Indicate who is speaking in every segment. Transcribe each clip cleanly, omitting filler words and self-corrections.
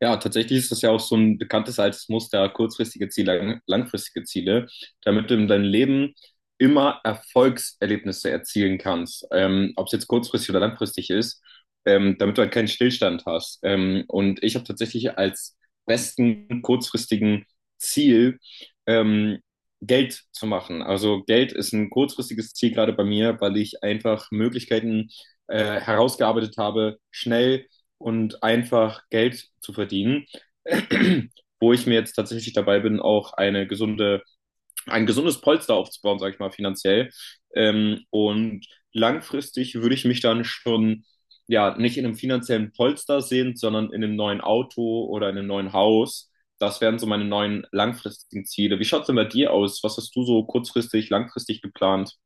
Speaker 1: Ja, tatsächlich ist das ja auch so ein bekanntes altes Muster, kurzfristige Ziele, langfristige Ziele, damit du in deinem Leben immer Erfolgserlebnisse erzielen kannst, ob es jetzt kurzfristig oder langfristig ist, damit du halt keinen Stillstand hast. Und ich habe tatsächlich als besten kurzfristigen Ziel, ähm, Geld zu machen. Also Geld ist ein kurzfristiges Ziel gerade bei mir, weil ich einfach Möglichkeiten herausgearbeitet habe, schnell und einfach Geld zu verdienen, wo ich mir jetzt tatsächlich dabei bin, auch eine gesunde, ein gesundes Polster aufzubauen, sage ich mal, finanziell. Und langfristig würde ich mich dann schon ja nicht in einem finanziellen Polster sehen, sondern in einem neuen Auto oder in einem neuen Haus. Das wären so meine neuen langfristigen Ziele. Wie schaut's denn bei dir aus? Was hast du so kurzfristig, langfristig geplant?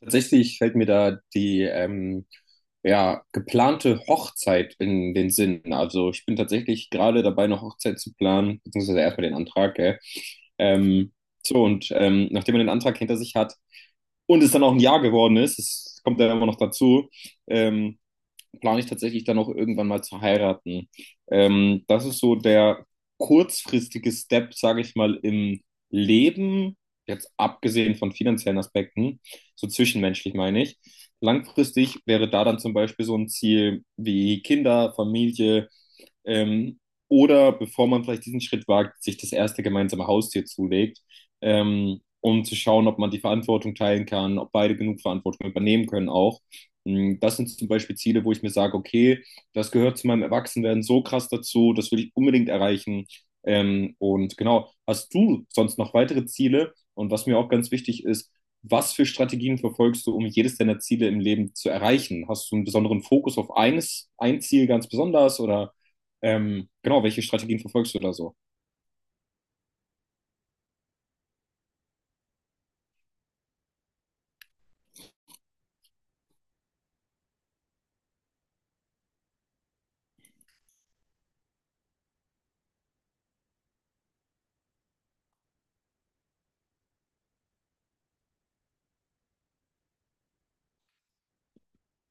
Speaker 1: Tatsächlich fällt mir da die ja, geplante Hochzeit in den Sinn. Also ich bin tatsächlich gerade dabei, eine Hochzeit zu planen, beziehungsweise erstmal den Antrag, gell? Ähm, so, und nachdem man den Antrag hinter sich hat und es dann auch ein Jahr geworden ist, es kommt dann immer noch dazu, ähm, plane ich tatsächlich dann auch irgendwann mal zu heiraten. Das ist so der kurzfristige Step, sage ich mal, im Leben, jetzt abgesehen von finanziellen Aspekten, so zwischenmenschlich meine ich. Langfristig wäre da dann zum Beispiel so ein Ziel wie Kinder, Familie, ähm, oder bevor man vielleicht diesen Schritt wagt, sich das erste gemeinsame Haustier zulegt, um zu schauen, ob man die Verantwortung teilen kann, ob beide genug Verantwortung übernehmen können auch. Das sind zum Beispiel Ziele, wo ich mir sage, okay, das gehört zu meinem Erwachsenwerden so krass dazu, das will ich unbedingt erreichen. Und genau, hast du sonst noch weitere Ziele? Und was mir auch ganz wichtig ist, was für Strategien verfolgst du, um jedes deiner Ziele im Leben zu erreichen? Hast du einen besonderen Fokus auf eines, ein Ziel ganz besonders oder genau, welche Strategien verfolgst du da so?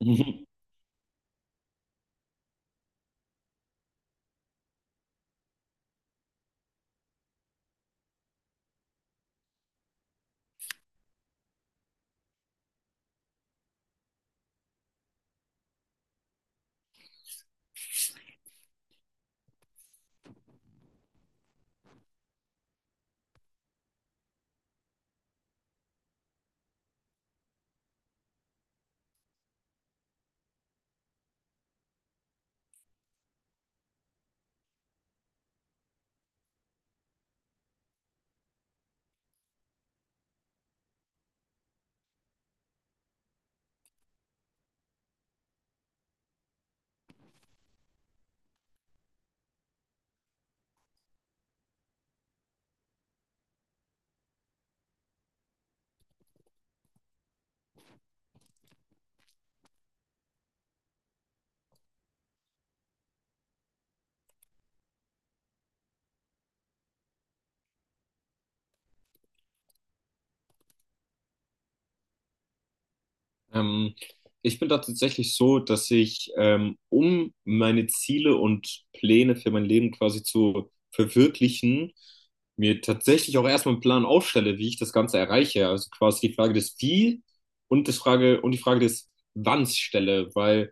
Speaker 1: Mhm. Ähm, Ich bin da tatsächlich so, dass ich, um meine Ziele und Pläne für mein Leben quasi zu verwirklichen, mir tatsächlich auch erstmal einen Plan aufstelle, wie ich das Ganze erreiche. Also quasi die Frage des Wie und das Frage und die Frage des Wanns stelle, weil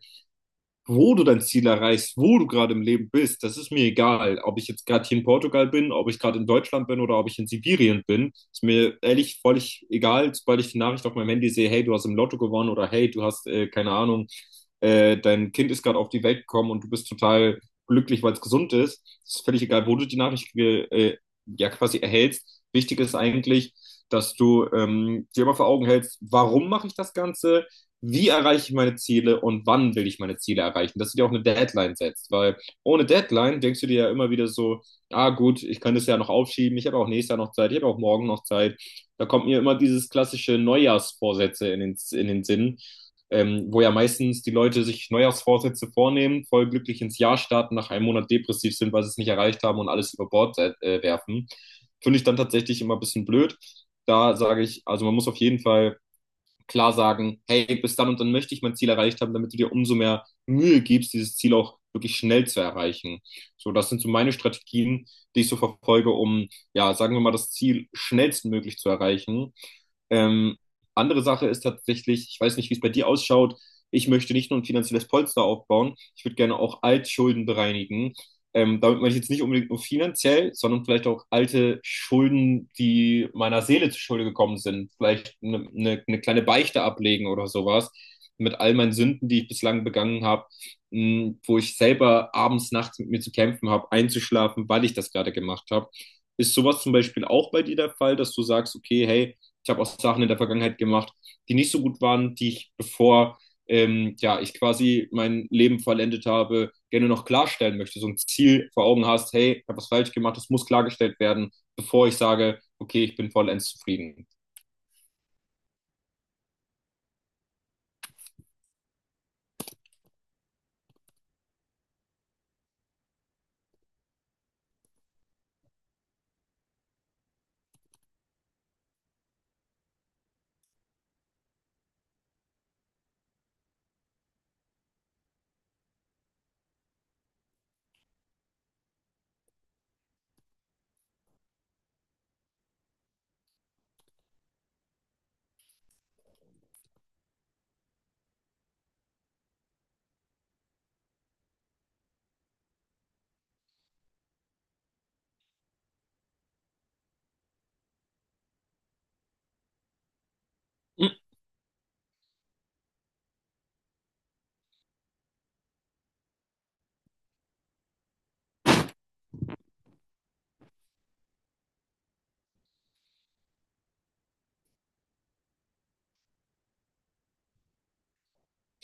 Speaker 1: wo du dein Ziel erreichst, wo du gerade im Leben bist, das ist mir egal. Ob ich jetzt gerade hier in Portugal bin, ob ich gerade in Deutschland bin oder ob ich in Sibirien bin, ist mir ehrlich völlig egal, sobald ich die Nachricht auf meinem Handy sehe, hey, du hast im Lotto gewonnen oder hey, du hast, keine Ahnung, dein Kind ist gerade auf die Welt gekommen und du bist total glücklich, weil es gesund ist. Es ist völlig egal, wo du die Nachricht ja quasi erhältst. Wichtig ist eigentlich, dass du dir immer vor Augen hältst, warum mache ich das Ganze? Wie erreiche ich meine Ziele und wann will ich meine Ziele erreichen, dass du dir auch eine Deadline setzt, weil ohne Deadline denkst du dir ja immer wieder so, ah gut, ich kann das ja noch aufschieben, ich habe auch nächstes Jahr noch Zeit, ich habe auch morgen noch Zeit. Da kommt mir immer dieses klassische Neujahrsvorsätze in den Sinn, wo ja meistens die Leute sich Neujahrsvorsätze vornehmen, voll glücklich ins Jahr starten, nach einem Monat depressiv sind, weil sie es nicht erreicht haben und alles über Bord werfen. Finde ich dann tatsächlich immer ein bisschen blöd. Da sage ich, also man muss auf jeden Fall klar sagen, hey, bis dann und dann möchte ich mein Ziel erreicht haben, damit du dir umso mehr Mühe gibst, dieses Ziel auch wirklich schnell zu erreichen. So, das sind so meine Strategien, die ich so verfolge, um, ja, sagen wir mal, das Ziel schnellstmöglich zu erreichen. Ähm, andere Sache ist tatsächlich, ich weiß nicht, wie es bei dir ausschaut, ich möchte nicht nur ein finanzielles Polster aufbauen, ich würde gerne auch Altschulden bereinigen. Damit meine ich jetzt nicht unbedingt nur finanziell, sondern vielleicht auch alte Schulden, die meiner Seele zu Schulde gekommen sind. Vielleicht eine kleine Beichte ablegen oder sowas mit all meinen Sünden, die ich bislang begangen habe, mh, wo ich selber abends, nachts mit mir zu kämpfen habe, einzuschlafen, weil ich das gerade gemacht habe. Ist sowas zum Beispiel auch bei dir der Fall, dass du sagst, okay, hey, ich habe auch Sachen in der Vergangenheit gemacht, die nicht so gut waren, die ich, bevor ja, ich quasi mein Leben vollendet habe, gerne noch klarstellen möchte, so ein Ziel vor Augen hast, hey, ich habe was falsch gemacht, das muss klargestellt werden, bevor ich sage, okay, ich bin vollends zufrieden.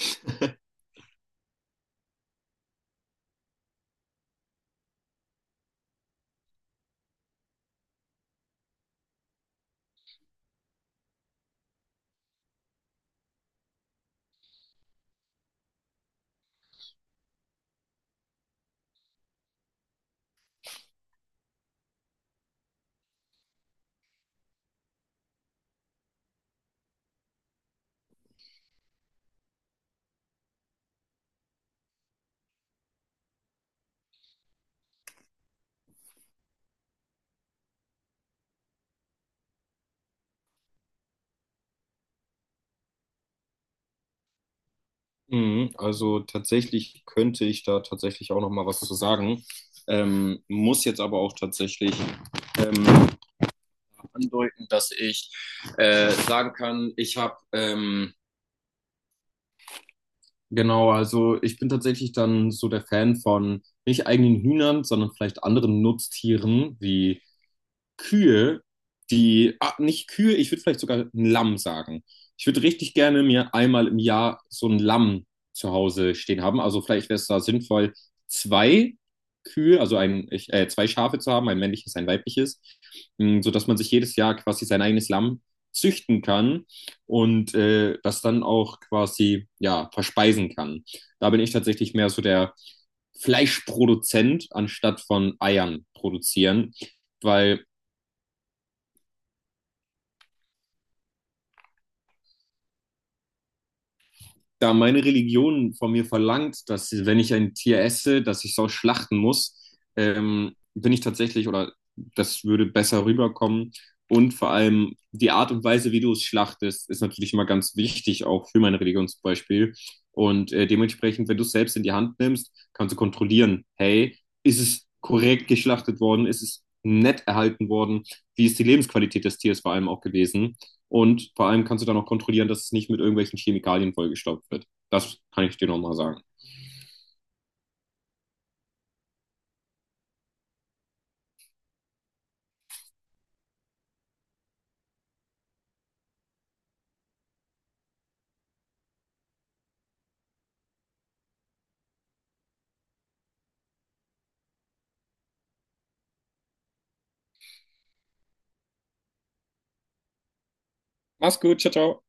Speaker 1: Mhm, also tatsächlich könnte ich da tatsächlich auch noch mal was zu sagen. Muss jetzt aber auch tatsächlich ähm, andeuten, dass ich sagen kann, ich habe genau, also ich bin tatsächlich dann so der Fan von nicht eigenen Hühnern, sondern vielleicht anderen Nutztieren wie Kühe, die, ah, nicht Kühe, ich würde vielleicht sogar ein Lamm sagen. Ich würde richtig gerne mir einmal im Jahr so ein Lamm zu Hause stehen haben. Also vielleicht wäre es da sinnvoll, zwei Kühe, also zwei Schafe zu haben, ein männliches, ein weibliches, mh, sodass man sich jedes Jahr quasi sein eigenes Lamm züchten kann und das dann auch quasi, ja, verspeisen kann. Da bin ich tatsächlich mehr so der Fleischproduzent anstatt von Eiern produzieren, weil da meine Religion von mir verlangt, dass wenn ich ein Tier esse, dass ich es auch schlachten muss, bin ich tatsächlich, oder das würde besser rüberkommen. Und vor allem die Art und Weise, wie du es schlachtest, ist natürlich immer ganz wichtig, auch für meine Religion zum Beispiel. Und dementsprechend, wenn du es selbst in die Hand nimmst, kannst du kontrollieren, hey, ist es korrekt geschlachtet worden, ist es nett erhalten worden, wie ist die Lebensqualität des Tieres vor allem auch gewesen. Und vor allem kannst du dann auch kontrollieren, dass es nicht mit irgendwelchen Chemikalien vollgestopft wird. Das kann ich dir nochmal sagen. Mach's gut, ciao, ciao.